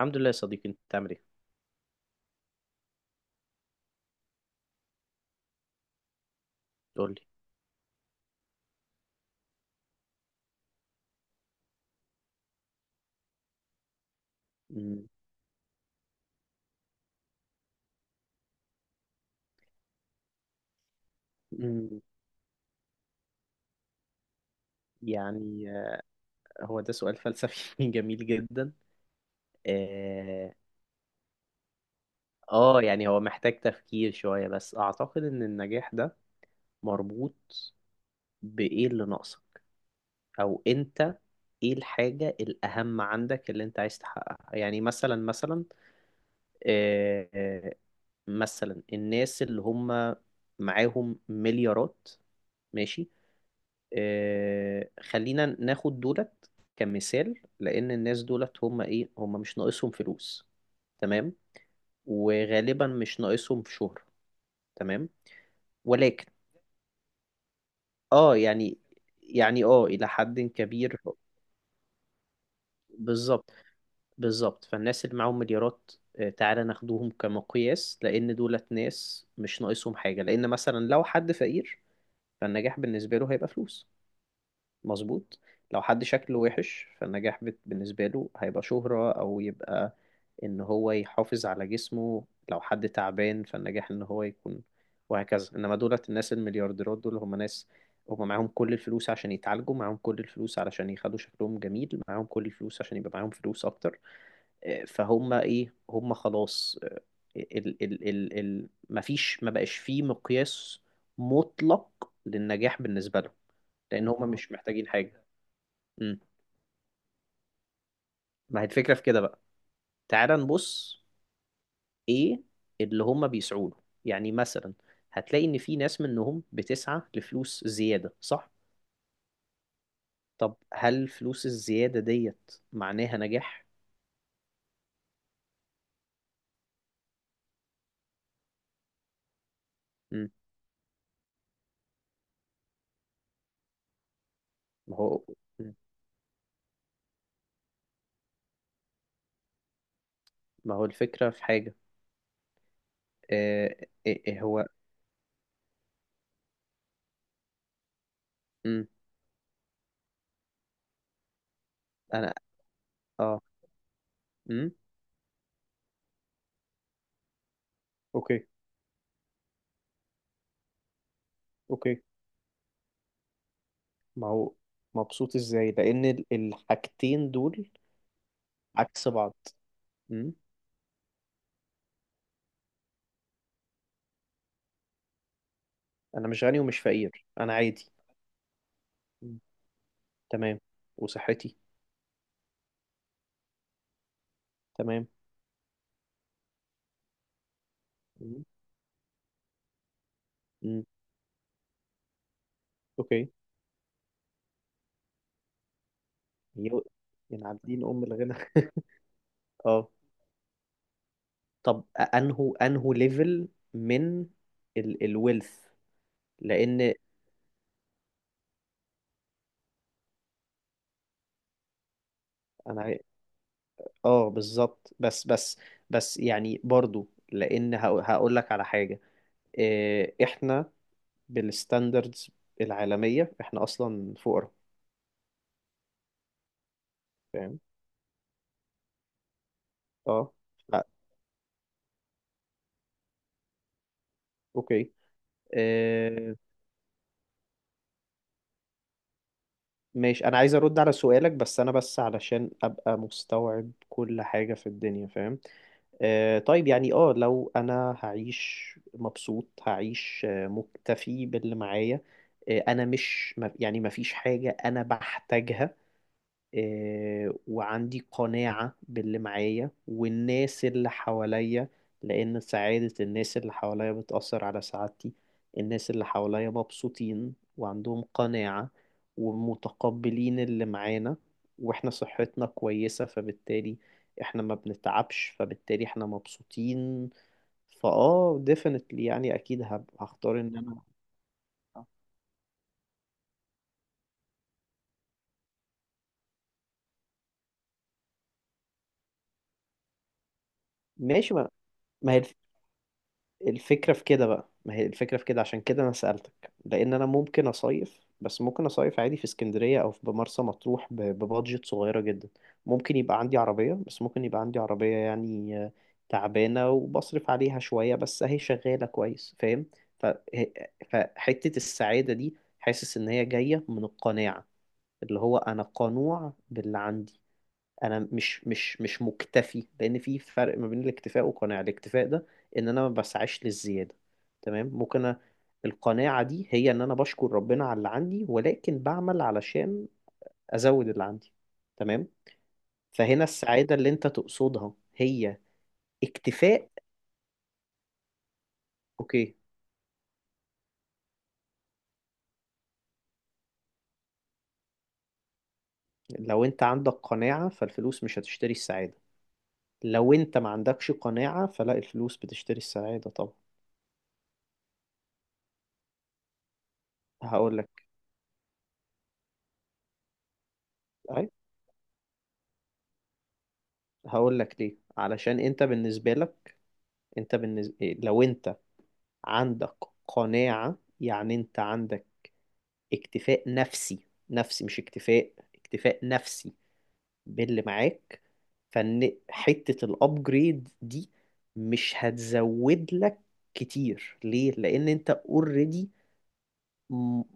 الحمد لله يا صديقي، انت بتعمل ايه؟ قول لي. مم. مم. يعني هو ده سؤال فلسفي جميل جدا. اه. يعني هو محتاج تفكير شوية، بس اعتقد ان النجاح ده مربوط بايه اللي ناقصك، او انت ايه الحاجة الاهم عندك اللي انت عايز تحققها؟ يعني مثلا آه آه، مثلا الناس اللي هم معاهم مليارات. ماشي. خلينا ناخد دولت كمثال، لأن الناس دولت هم إيه، هم مش ناقصهم فلوس. تمام. وغالبا مش ناقصهم في شهرة. تمام. ولكن اه يعني، يعني إلى حد كبير. بالظبط، بالظبط. فالناس اللي معاهم مليارات تعالى ناخدوهم كمقياس، لأن دولت ناس مش ناقصهم حاجة، لأن مثلا لو حد فقير فالنجاح بالنسبة له هيبقى فلوس. مظبوط. لو حد شكله وحش فالنجاح بالنسبة له هيبقى شهرة، أو يبقى إن هو يحافظ على جسمه. لو حد تعبان فالنجاح إن هو يكون، وهكذا. إنما دولت الناس المليارديرات دول هم ناس، هم معاهم كل الفلوس عشان يتعالجوا، معاهم كل الفلوس علشان يخلوا شكلهم جميل، معاهم كل الفلوس عشان يبقى معاهم فلوس أكتر. فهم إيه، هم خلاص. ال ال ال ال مفيش، ما بقاش فيه مقياس مطلق للنجاح بالنسبة لهم، لأن هم مش محتاجين حاجة. امم ما هي الفكرة في كده بقى؟ تعال نبص، ايه اللي هم بيسعوا له؟ يعني مثلا هتلاقي ان في ناس منهم بتسعى لفلوس زيادة، صح؟ طب هل فلوس الزيادة ديت معناها نجاح؟ امم ما هو. مم. ما هو الفكرة في حاجة. آه إيه هو. امم انا. اه. امم اوكي. اوكي. ما هو مبسوط ازاي؟ لان الحاجتين دول عكس بعض. امم انا مش غني ومش فقير، انا عادي. مم. تمام. وصحتي. تمام. مم. مم. اوكي. يو- يعني عابدين ام الغنى اه. طب انهو ليفل من الويلث؟ لان انا عاي- اه بالظبط، بس يعني برضو، لان هقول لك على حاجه. إيه، احنا بالستاندردز العالميه احنا اصلا فقراء. فاهم. اه. لا. اوكي. إيه، ماشي، انا عايز ارد على سؤالك، بس انا بس علشان ابقى مستوعب كل حاجه في الدنيا، فاهم. طيب يعني لو انا هعيش مبسوط هعيش مكتفي باللي معايا. انا مش يعني ما فيش حاجة انا بحتاجها. وعندي قناعة باللي معايا والناس اللي حواليا، لأن سعادة الناس اللي حواليا بتأثر على سعادتي. الناس اللي حواليا مبسوطين وعندهم قناعة ومتقبلين اللي معانا، واحنا صحتنا كويسة، فبالتالي احنا ما بنتعبش، فبالتالي احنا مبسوطين. Definitely يعني اكيد هختار ان انا. ماشي. ما هي الفكرة في كده بقى ما هي الفكرة في كده، عشان كده أنا سألتك، لأن أنا ممكن أصيف، بس ممكن أصيف عادي في اسكندرية أو في مرسى مطروح ببادجت صغيرة جدا. ممكن يبقى عندي عربية، بس ممكن يبقى عندي عربية يعني تعبانة وبصرف عليها شوية، بس أهي شغالة كويس، فاهم. ف- ه- فحتة السعادة دي حاسس إن هي جاية من القناعة، اللي هو أنا قنوع باللي عندي. انا مش مكتفي، لان في فرق ما بين الاكتفاء والقناعه. الاكتفاء ده ان انا ما بسعاش للزياده، تمام. ممكن القناعه دي هي ان انا بشكر ربنا على اللي عندي، ولكن بعمل علشان ازود اللي عندي. تمام. فهنا السعاده اللي انت تقصدها هي اكتفاء. اوكي. لو انت عندك قناعه فالفلوس مش هتشتري السعاده، لو انت ما عندكش قناعه فلا، الفلوس بتشتري السعاده طبعا. هقول لك. اي، هقول لك ليه. علشان انت بالنسبه لك، انت بالنسبة لو انت عندك قناعة، يعني انت عندك اكتفاء نفسي. نفسي مش اكتفاء، اكتفاء نفسي باللي معاك، فان حتة الابجريد دي مش هتزود لك كتير. ليه؟ لان انت اوريدي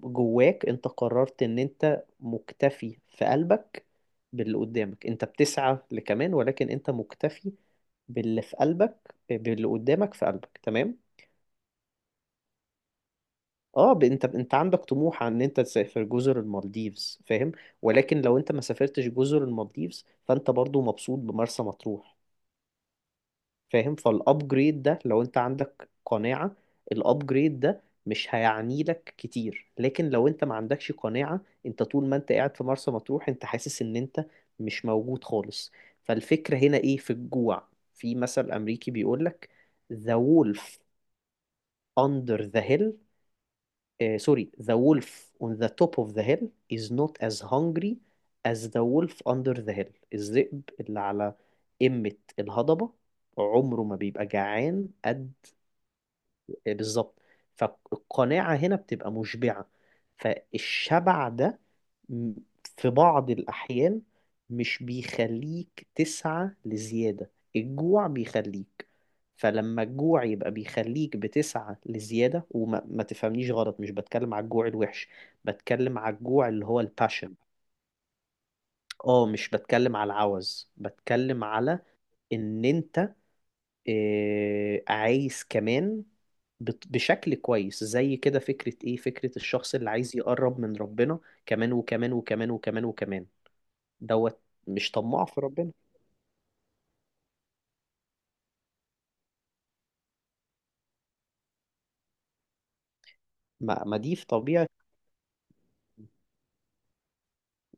جواك انت قررت ان انت مكتفي في قلبك باللي قدامك. انت بتسعى لكمان، ولكن انت مكتفي باللي في قلبك، باللي قدامك في قلبك، تمام؟ اه. انت عندك طموح عن ان انت تسافر جزر المالديفز، فاهم، ولكن لو انت ما سافرتش جزر المالديفز فانت برضو مبسوط بمرسى مطروح، فاهم. فالابجريد ده لو انت عندك قناعة الابجريد ده مش هيعني لك كتير. لكن لو انت ما عندكش قناعة، انت طول ما انت قاعد في مرسى مطروح انت حاسس ان انت مش موجود خالص. فالفكرة هنا ايه؟ في الجوع. في مثل امريكي بيقولك: the wolf under the hill. Sorry, the wolf on the top of the hill is not as hungry as the wolf under the hill. الذئب اللي على قمة الهضبة عمره ما بيبقى جعان قد. بالظبط. فالقناعة هنا بتبقى مشبعة. فالشبع ده م- في بعض الأحيان مش بيخليك تسعى لزيادة، الجوع بيخليك. فلما الجوع يبقى بيخليك بتسعى لزيادة، وما ما تفهمنيش غلط، مش بتكلم على الجوع الوحش، بتكلم على الجوع اللي هو الباشن. اه، مش بتكلم على العوز، بتكلم على ان انت عايز كمان. بشكل كويس زي كده. فكرة ايه؟ فكرة الشخص اللي عايز يقرب من ربنا كمان وكمان وكمان وكمان وكمان دوت. مش طماع في ربنا. ما دي في طبيعة.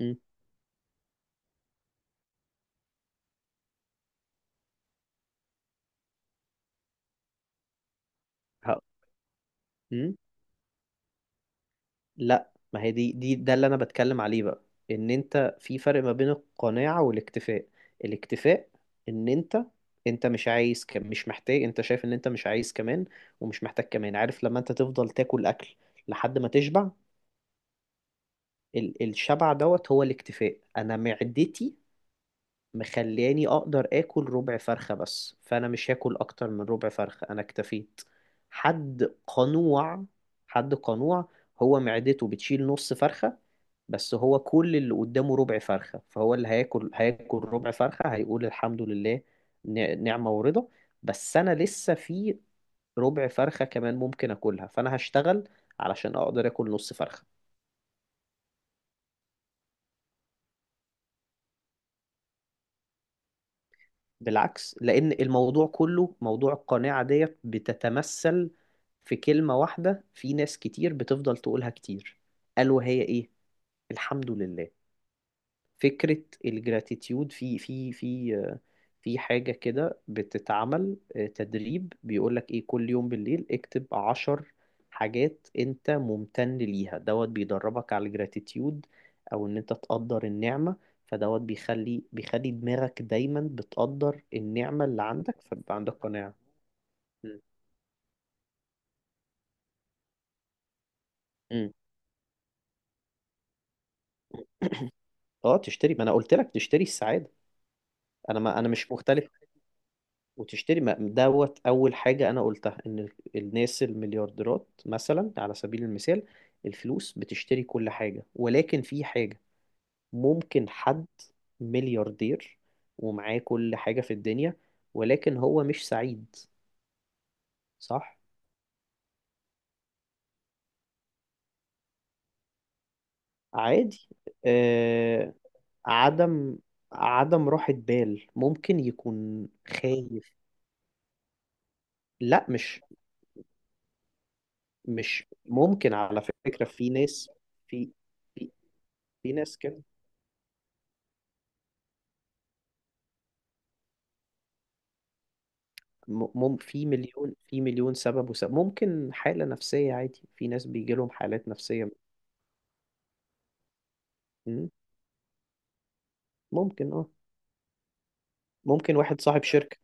م. ه- م. لا، ما هي دي ده اللي انا بتكلم عليه بقى، ان انت في فرق ما بين القناعة والاكتفاء. الاكتفاء ان انت، انت مش عايز كم مش محتاج، انت شايف ان انت مش عايز كمان ومش محتاج كمان. عارف لما انت تفضل تاكل اكل لحد ما تشبع؟ الشبع دوت هو الاكتفاء. انا معدتي مخلياني اقدر اكل ربع فرخة بس، فانا مش هاكل اكتر من ربع فرخة، انا اكتفيت. حد قنوع، حد قنوع هو معدته بتشيل نص فرخة، بس هو كل اللي قدامه ربع فرخة، فهو اللي هياكل ربع فرخة. هيقول الحمد لله، نعمة ورضا. بس انا لسه في ربع فرخة كمان ممكن اكلها، فانا هشتغل علشان اقدر اكل نص فرخة. بالعكس، لأن الموضوع كله موضوع القناعة ديت بتتمثل في كلمة واحدة، في ناس كتير بتفضل تقولها كتير، ألا وهي إيه؟ الحمد لله. فكرة الجراتيتيود، في في في في حاجة كده بتتعمل تدريب بيقولك ايه؟ كل يوم بالليل اكتب 10 حاجات انت ممتن ليها. دوت بيدربك على الجراتيتيود، او ان انت تقدر النعمة. فدوت بيخلي دماغك دايما بتقدر النعمة اللي عندك، فبيبقى عندك قناعة. م. م. اه تشتري، ما انا قلت لك تشتري السعادة. انا، ما انا مش مختلف. وتشتري، ما دوت اول حاجه انا قلتها، ان الناس المليارديرات مثلا على سبيل المثال الفلوس بتشتري كل حاجه، ولكن في حاجه. ممكن حد ملياردير ومعاه كل حاجه في الدنيا، ولكن هو مش سعيد، صح؟ عادي. آه. عدم عدم راحة بال، ممكن يكون خايف. لا مش ممكن، على فكرة في ناس. في في, في ناس كده. في مليون، في مليون سبب وسبب، ممكن حالة نفسية عادي، في ناس بيجي لهم حالات نفسية. مم، ممكن اه. ممكن واحد صاحب شركة،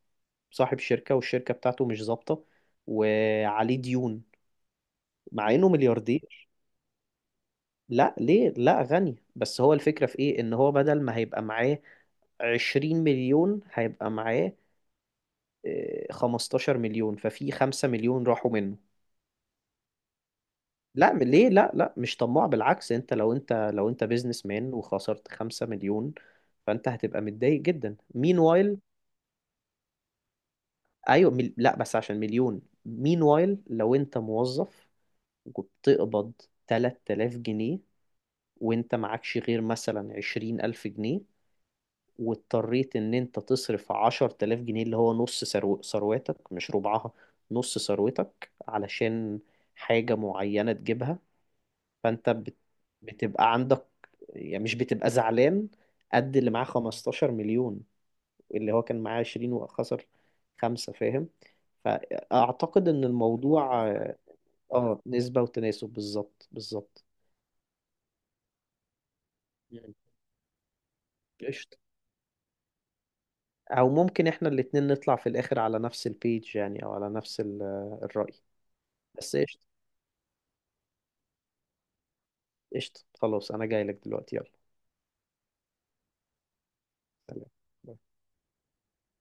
والشركة بتاعته مش ظابطة وعليه ديون، مع انه ملياردير. لا ليه لا، غني، بس هو الفكرة في ايه؟ ان هو بدل ما هيبقى معاه 20 مليون، هيبقى معاه 15 مليون، ففي 5 مليون راحوا منه. لا ليه، لا لا مش طماع، بالعكس انت، لو انت بيزنس مان وخسرت 5 مليون، فانت هتبقى متضايق جدا. مين وايل. ايوه لا بس عشان مليون مين وايل لو انت موظف وبتقبض 3000 جنيه، وانت معكش غير مثلا 20000 جنيه، واضطريت ان انت تصرف 10000 جنيه اللي هو نص ثروتك، مش ربعها نص ثروتك، علشان حاجة معينة تجيبها، فانت بتبقى عندك، يعني مش بتبقى زعلان قد اللي معاه 15 مليون، اللي هو كان معاه 20 وخسر خمسة، فاهم. فأعتقد إن الموضوع نسبة وتناسب، بالظبط، بالظبط. مم. قشطة، أو ممكن إحنا الاتنين نطلع في الآخر على نفس البيج يعني، أو على نفس الرأي. بس قشطة، قشطة، خلاص أنا جاي لك دلوقتي، يلا، سلام.